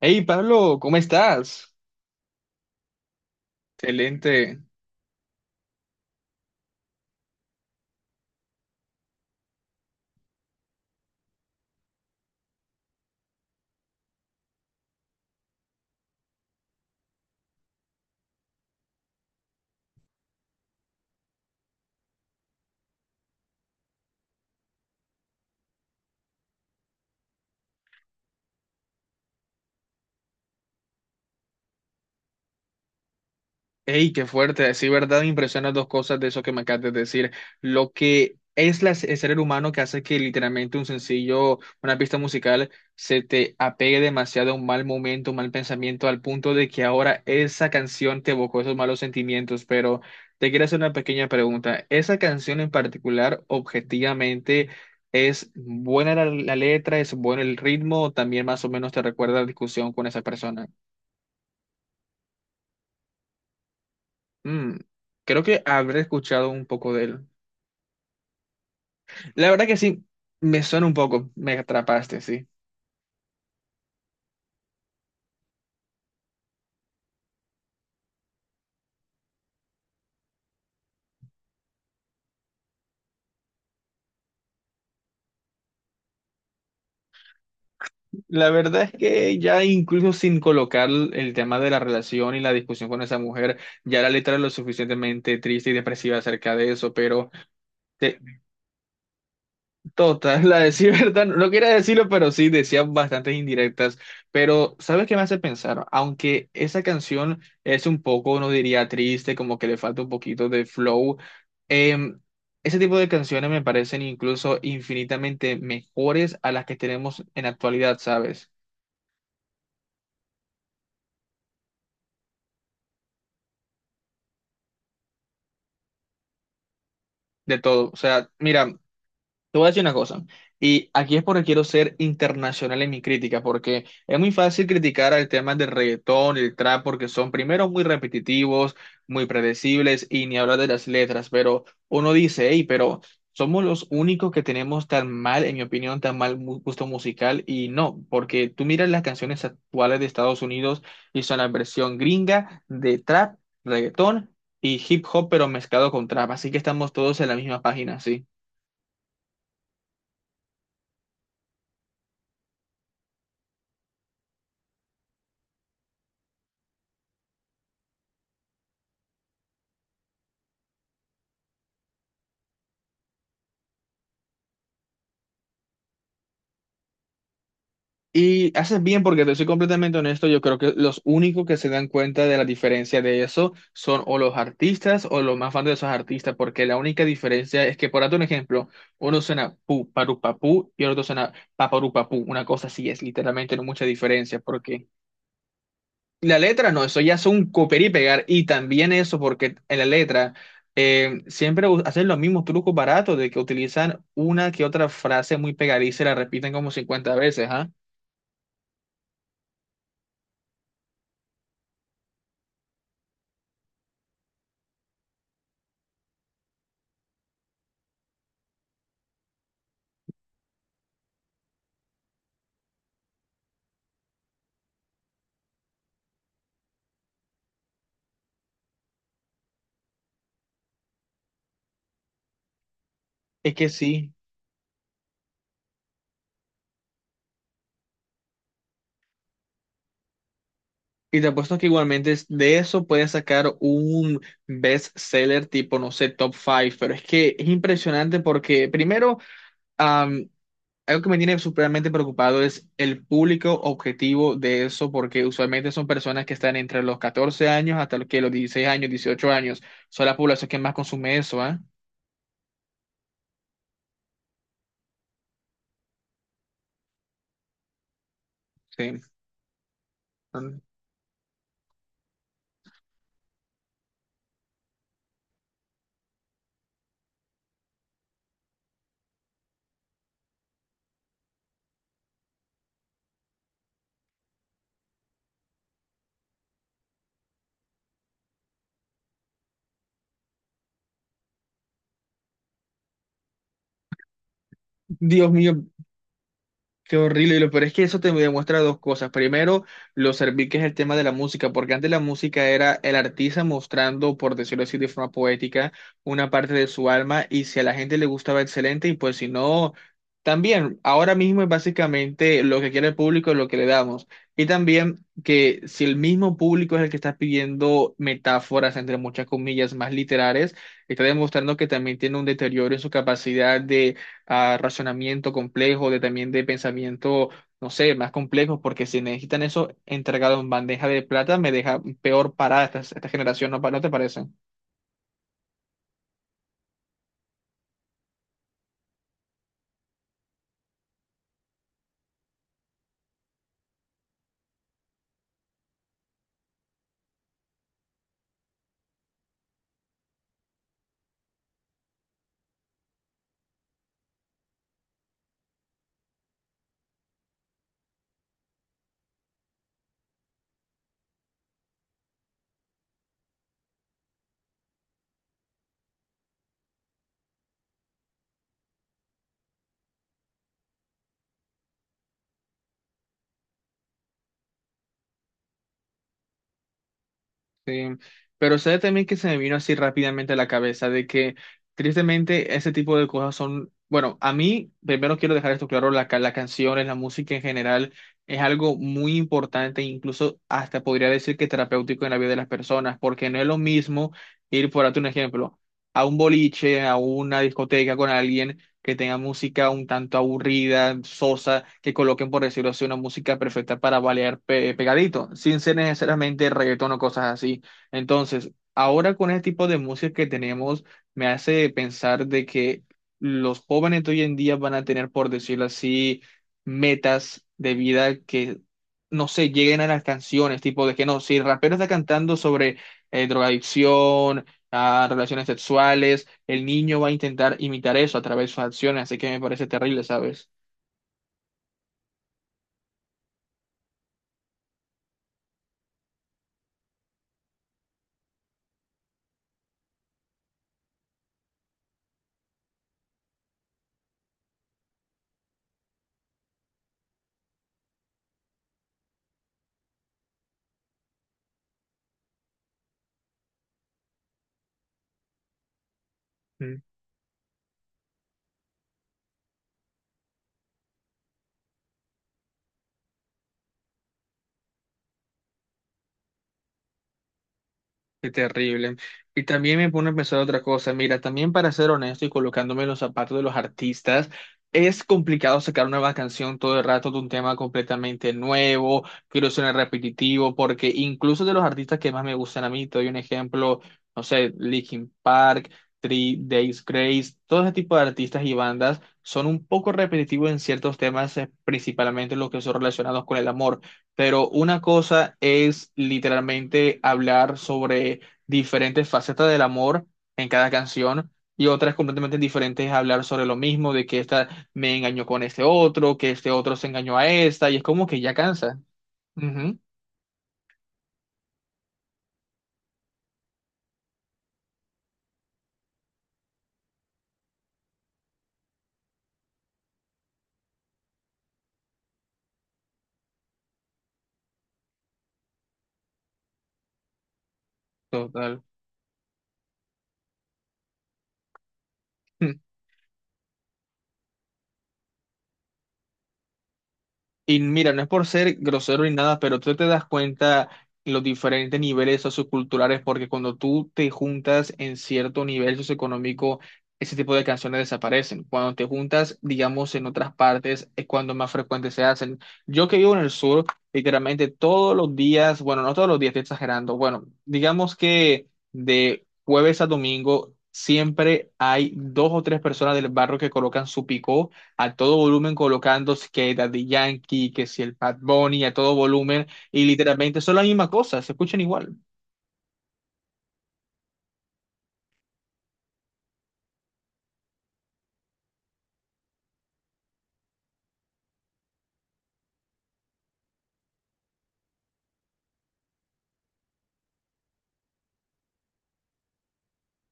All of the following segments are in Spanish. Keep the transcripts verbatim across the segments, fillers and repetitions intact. Hey Pablo, ¿cómo estás? Excelente. Hey, qué fuerte. Sí, verdad, me impresionan dos cosas de eso que me acabas de decir. Lo que es la- el ser humano que hace que literalmente un sencillo, una pista musical, se te apegue demasiado a un mal momento, un mal pensamiento, al punto de que ahora esa canción te evocó esos malos sentimientos. Pero te quiero hacer una pequeña pregunta. ¿Esa canción en particular, objetivamente, ¿es buena la, la letra? ¿Es bueno el ritmo? ¿O también más o menos te recuerda la discusión con esa persona? Mm, Creo que habré escuchado un poco de él. La verdad que sí, me suena un poco, me atrapaste, sí. La verdad es que ya incluso sin colocar el tema de la relación y la discusión con esa mujer, ya la letra es lo suficientemente triste y depresiva acerca de eso, pero... te- Total, la decir verdad, no quería decirlo, pero sí decían bastantes indirectas. Pero, ¿sabes qué me hace pensar? Aunque esa canción es un poco, no diría triste, como que le falta un poquito de flow, em, ese tipo de canciones me parecen incluso infinitamente mejores a las que tenemos en actualidad, ¿sabes? De todo. O sea, mira, te voy a decir una cosa, y aquí es porque quiero ser internacional en mi crítica, porque es muy fácil criticar al tema del reggaetón, el trap, porque son primero muy repetitivos, muy predecibles, y ni hablar de las letras, pero uno dice, hey, pero somos los únicos que tenemos tan mal, en mi opinión, tan mal mu- gusto musical, y no, porque tú miras las canciones actuales de Estados Unidos y son la versión gringa de trap, reggaetón y hip hop, pero mezclado con trap, así que estamos todos en la misma página, sí. Y haces bien porque te soy completamente honesto, yo creo que los únicos que se dan cuenta de la diferencia de eso son o los artistas o los más fans de esos artistas, porque la única diferencia es que, por darte un ejemplo, uno suena pu, paru, papú y el otro suena paparu, papú, una cosa así es, literalmente no mucha diferencia, porque la letra no, eso ya es un copiar y pegar, y también eso porque en la letra eh, siempre u- hacen los mismos trucos baratos de que utilizan una que otra frase muy pegadiza y la repiten como cincuenta veces, ¿ah? Es que sí. Y te apuesto que igualmente es- de eso puedes sacar un bestseller tipo, no sé, top five, pero es que es impresionante porque primero, am, algo que me tiene supremamente preocupado es el público objetivo de eso, porque usualmente son personas que están entre los catorce años hasta los que los dieciséis años, dieciocho años, son la población que más consume eso, ¿ah? Sí. Dios mío, qué horrible, y lo peor es que eso te demuestra dos cosas. Primero, lo servil que es el tema de la música, porque antes la música era el artista mostrando, por decirlo así, de forma poética, una parte de su alma, y si a la gente le gustaba, excelente, y pues si no, también, ahora mismo es básicamente lo que quiere el público, es lo que le damos. Y también que si el mismo público es el que está pidiendo metáforas, entre muchas comillas, más literales, está demostrando que también tiene un deterioro en su capacidad a razonamiento complejo, de también de pensamiento, no sé, más complejos porque si necesitan eso entregado en bandeja de plata, me deja peor parada esta, esta generación, ¿no, pa- no te parece? Sí, pero sabe también que se me vino así rápidamente a la cabeza de que tristemente ese tipo de cosas son, bueno, a mí primero quiero dejar esto claro, la, ca- la canción, la música en general es algo muy importante, incluso hasta podría decir que terapéutico en la vida de las personas, porque no es lo mismo ir, por darte un ejemplo, a un boliche, a una discoteca con alguien que tenga música un tanto aburrida, sosa, que coloquen, por decirlo así, una música perfecta para bailar pe- pegadito, sin ser necesariamente reggaetón o cosas así. Entonces, ahora con este tipo de música que tenemos, me hace pensar de que los jóvenes de hoy en día van a tener, por decirlo así, metas de vida que no sé, lleguen a las canciones, tipo de que no, si el rapero está cantando sobre eh, drogadicción, a relaciones sexuales, el niño va a intentar imitar eso a través de sus acciones, así que me parece terrible, ¿sabes? Qué terrible. Y también me pone a pensar otra cosa. Mira, también para ser honesto y colocándome en los zapatos de los artistas, es complicado sacar una nueva canción todo el rato de un tema completamente nuevo, que no suene repetitivo, porque incluso de los artistas que más me gustan a mí, te doy un ejemplo, no sé, Linkin Park, Three Days Grace, todo ese tipo de artistas y bandas son un poco repetitivos en ciertos temas, eh, principalmente los que son relacionados con el amor. Pero una cosa es literalmente hablar sobre diferentes facetas del amor en cada canción y otra es completamente diferente es hablar sobre lo mismo, de que esta me engañó con este otro, que este otro se engañó a esta y es como que ya cansa. Ujú, total. Y mira, no es por ser grosero ni nada, pero tú te das cuenta los diferentes niveles socioculturales, porque cuando tú te juntas en cierto nivel socioeconómico, ese tipo de canciones desaparecen. Cuando te juntas, digamos, en otras partes, es cuando más frecuentes se hacen. Yo que vivo en el sur, literalmente todos los días, bueno, no todos los días, estoy exagerando, bueno, digamos que de jueves a domingo siempre hay dos o tres personas del barrio que colocan su picó a todo volumen colocando que Daddy Yankee, que si el Bad Bunny, a todo volumen, y literalmente son la misma cosa, se escuchan igual.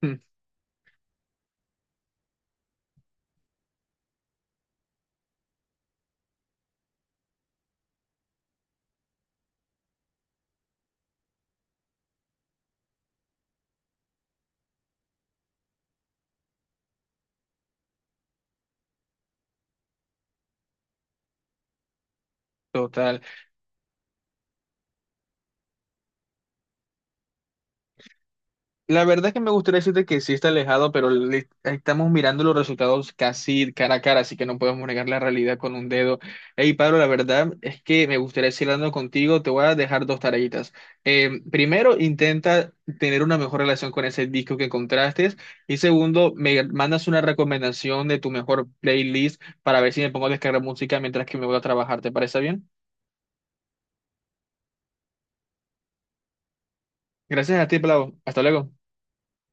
Hmm. Total. La verdad es que me gustaría decirte que sí está alejado, pero le- estamos mirando los resultados casi cara a cara, así que no podemos negar la realidad con un dedo. Hey, Pablo, la verdad es que me gustaría seguir hablando contigo. Te voy a dejar dos tareitas. Eh, primero, intenta tener una mejor relación con ese disco que encontraste. Y segundo, me mandas una recomendación de tu mejor playlist para ver si me pongo a descargar música mientras que me voy a trabajar. ¿Te parece bien? Gracias a ti, Pablo. Hasta luego.